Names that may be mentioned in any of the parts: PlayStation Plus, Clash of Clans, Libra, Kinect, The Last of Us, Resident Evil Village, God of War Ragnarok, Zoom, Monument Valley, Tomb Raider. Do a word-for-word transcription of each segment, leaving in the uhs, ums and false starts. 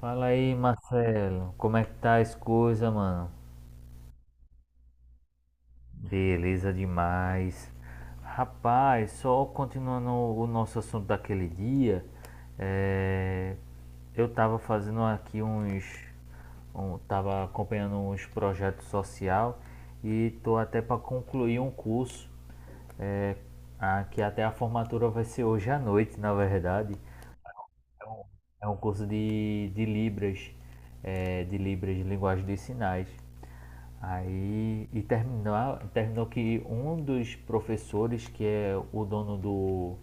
Fala aí, Marcelo. Como é que tá as coisas, mano? Beleza demais. Rapaz, só continuando o nosso assunto daquele dia, é, eu tava fazendo aqui uns, um, tava acompanhando uns projetos social e tô até para concluir um curso, ah, que até a formatura vai ser hoje à noite, na verdade. Então, é um curso de, de Libras, é, de Libras, de Linguagem dos Sinais. Aí, e terminou, terminou que um dos professores, que é o dono do,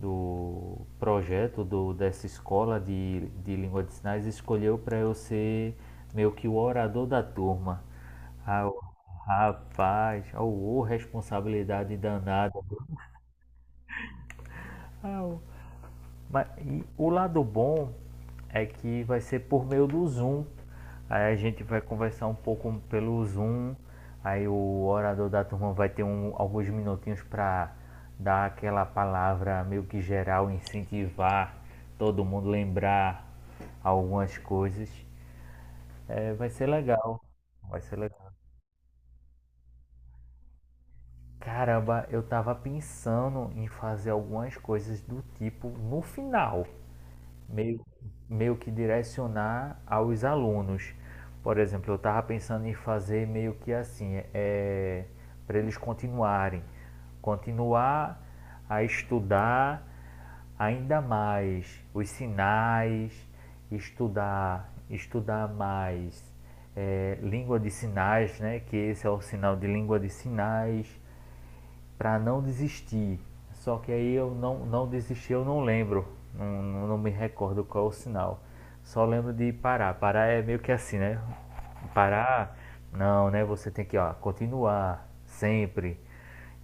do projeto do, dessa escola de, de língua de sinais, escolheu para eu ser meio que o orador da turma. Ah, o- Rapaz, oh, responsabilidade danada. Ah, mas, e o lado bom é que vai ser por meio do Zoom. Aí a gente vai conversar um pouco pelo Zoom. Aí o orador da turma vai ter um- alguns minutinhos para dar aquela palavra meio que geral, incentivar todo mundo lembrar algumas coisas. É, vai ser legal. Vai ser legal. Caramba, eu tava pensando em fazer algumas coisas do tipo no final. meio, meio que direcionar aos alunos. Por exemplo, eu estava pensando em fazer meio que assim, é, para eles continuarem, continuar a estudar ainda mais os sinais, estudar, estudar mais é, língua de sinais, né? Que esse é o sinal de língua de sinais para não desistir. Só que aí eu não, não desisti, eu não lembro, não, não me recordo qual é o sinal. Só lembro de parar. Parar é meio que assim, né? Parar, não, né? Você tem que, ó, continuar sempre.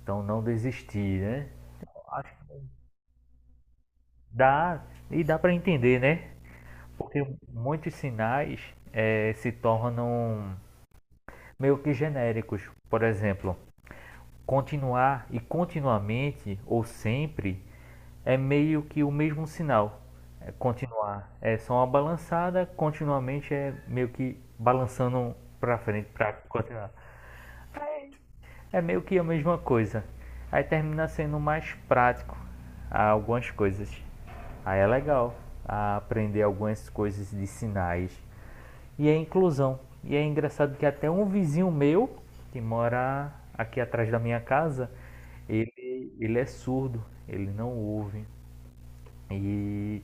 Então não desistir, né? Então, acho que dá e dá para entender, né? Porque muitos sinais eh, se tornam meio que genéricos. Por exemplo, continuar e continuamente ou sempre é meio que o mesmo sinal. É, continuar é só uma balançada, continuamente é meio que balançando para frente para continuar. É meio que a mesma coisa. Aí termina sendo mais prático algumas coisas. Aí é legal aprender algumas coisas de sinais e a inclusão. E é engraçado que até um vizinho meu, que mora aqui atrás da minha casa, ele, ele é surdo, ele não ouve. E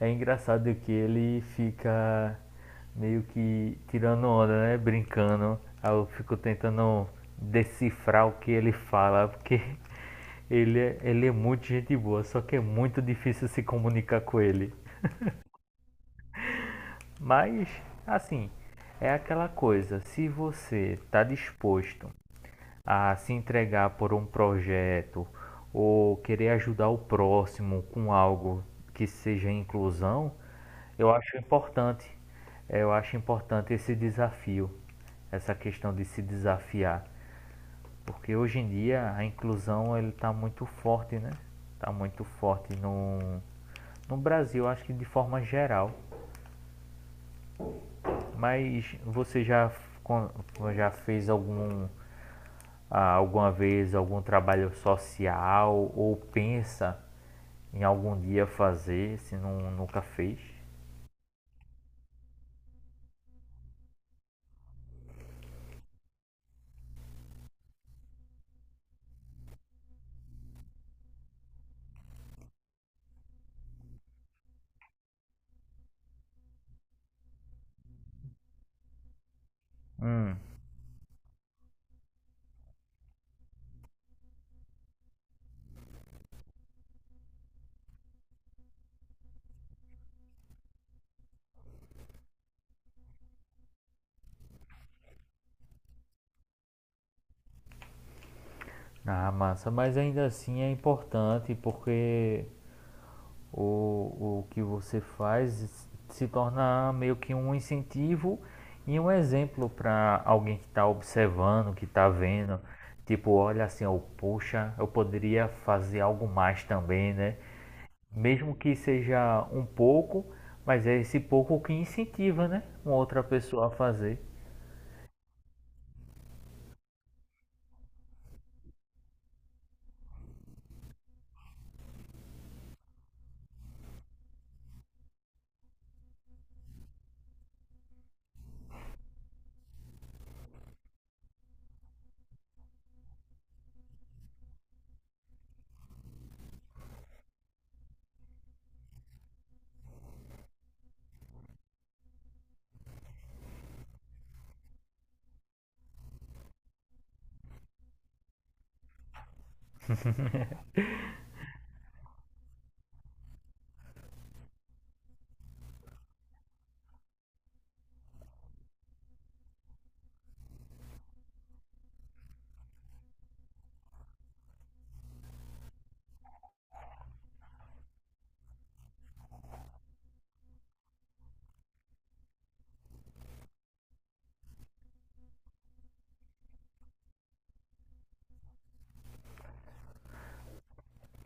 é engraçado que ele fica meio que tirando onda, né? Brincando. Aí eu fico tentando decifrar o que ele fala, porque ele é, ele é muito gente boa, só que é muito difícil se comunicar com ele. Mas, assim, é aquela coisa, se você está disposto a se entregar por um projeto ou querer ajudar o próximo com algo que seja inclusão, eu acho importante. é, Eu acho importante esse desafio, essa questão de se desafiar, porque hoje em dia a inclusão ele está muito forte, né? Está muito forte no, no Brasil, acho que de forma geral. Mas você já, já fez algum, ah, alguma vez algum trabalho social ou pensa em algum dia fazer, se não, nunca fez? Hum, ah, massa, mas ainda assim é importante porque o, o que você faz se torna meio que um incentivo e um exemplo para alguém que está observando, que está vendo. Tipo, olha assim, oh, poxa, eu poderia fazer algo mais também, né? Mesmo que seja um pouco, mas é esse pouco que incentiva, né? Uma outra pessoa a fazer.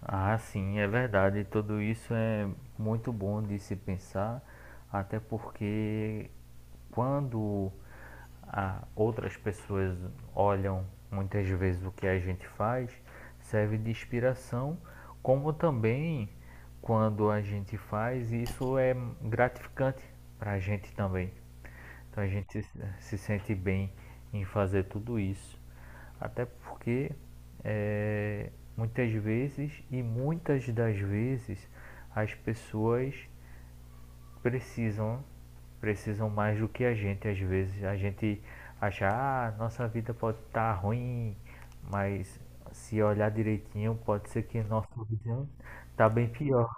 Ah, sim, é verdade. Tudo isso é muito bom de se pensar, até porque quando a- outras pessoas olham muitas vezes o que a gente faz, serve de inspiração, como também quando a gente faz, isso é gratificante para a gente também. Então a gente se sente bem em fazer tudo isso. Até porque é, muitas vezes e muitas das vezes as pessoas precisam precisam mais do que a gente, às vezes a gente acha, ah, nossa vida pode estar ruim, mas se olhar direitinho pode ser que nossa vida está bem pior.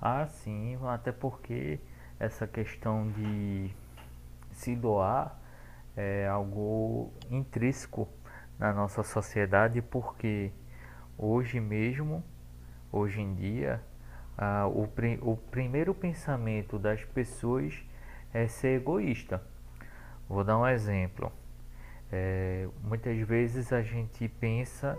Ah, sim, até porque essa questão de se doar é algo intrínseco na nossa sociedade, porque hoje mesmo, hoje em dia, ah, o, pri- o primeiro pensamento das pessoas é ser egoísta. Vou dar um exemplo. É, muitas vezes a gente pensa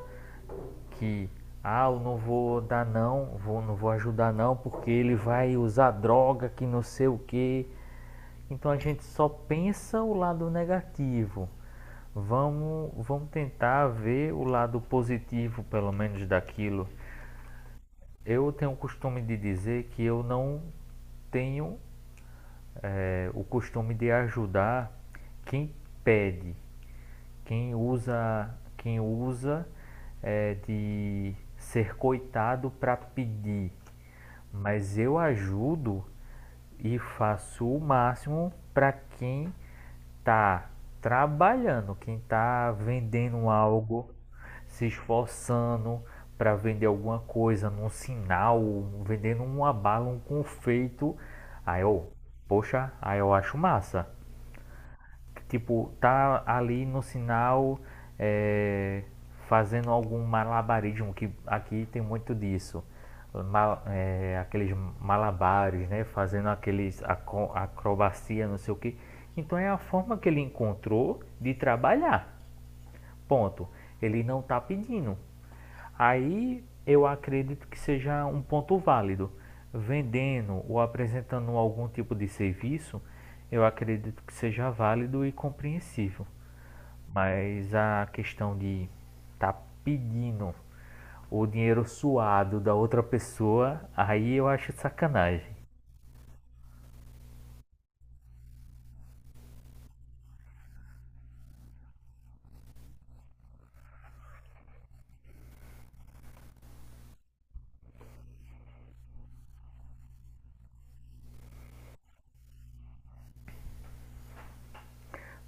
que, ah, eu não vou dar não, vou, não vou ajudar não, porque ele vai usar droga, que não sei o que. Então a gente só pensa o lado negativo. Vamos, vamos tentar ver o lado positivo, pelo menos daquilo. Eu tenho o costume de dizer que eu não tenho é, o costume de ajudar quem pede. Quem usa, quem usa é, de ser coitado para pedir, mas eu ajudo e faço o máximo para quem está trabalhando, quem está vendendo algo, se esforçando para vender alguma coisa, num sinal, vendendo uma bala, um confeito. Aí eu, poxa, aí eu acho massa, tipo, tá ali no sinal é, fazendo algum malabarismo, que aqui tem muito disso. Ma- é, aqueles malabares, né? Fazendo aqueles acrobacia, não sei o que. Então é a forma que ele encontrou de trabalhar. Ponto. Ele não está pedindo. Aí eu acredito que seja um ponto válido. Vendendo ou apresentando algum tipo de serviço, eu acredito que seja válido e compreensível. Mas a questão de tá pedindo o dinheiro suado da outra pessoa, aí eu acho sacanagem.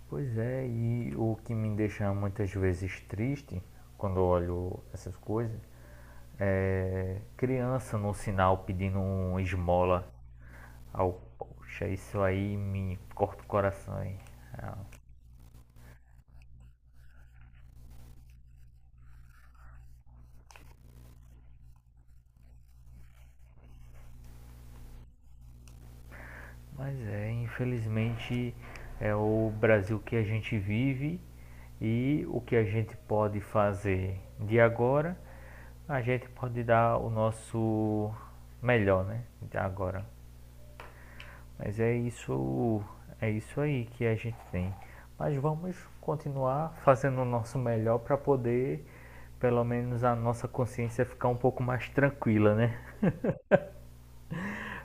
Pois é, e o que me deixa muitas vezes triste quando eu olho essas coisas é, criança no sinal pedindo um esmola. Ao, poxa, isso aí me corta o coração. Hein? Mas é, infelizmente, é o Brasil que a gente vive e o que a gente pode fazer de agora, a gente pode dar o nosso melhor, né? De agora. Mas é isso, é isso aí que a gente tem. Mas vamos continuar fazendo o nosso melhor para poder, pelo menos a nossa consciência ficar um pouco mais tranquila, né?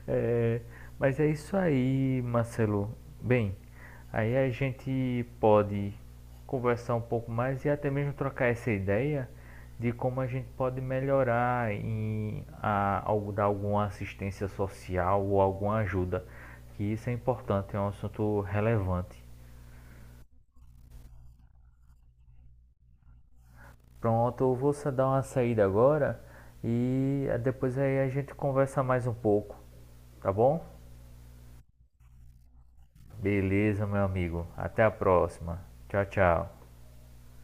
É, mas é isso aí, Marcelo. Bem, aí a gente pode conversar um pouco mais e até mesmo trocar essa ideia de como a gente pode melhorar em a, algo- dar alguma assistência social ou alguma ajuda, que isso é importante, é um assunto relevante. Pronto, eu vou só dar uma saída agora e eh, depois aí a gente conversa mais um pouco, tá bom? Beleza, meu amigo. Até a próxima. Tchau, tchau.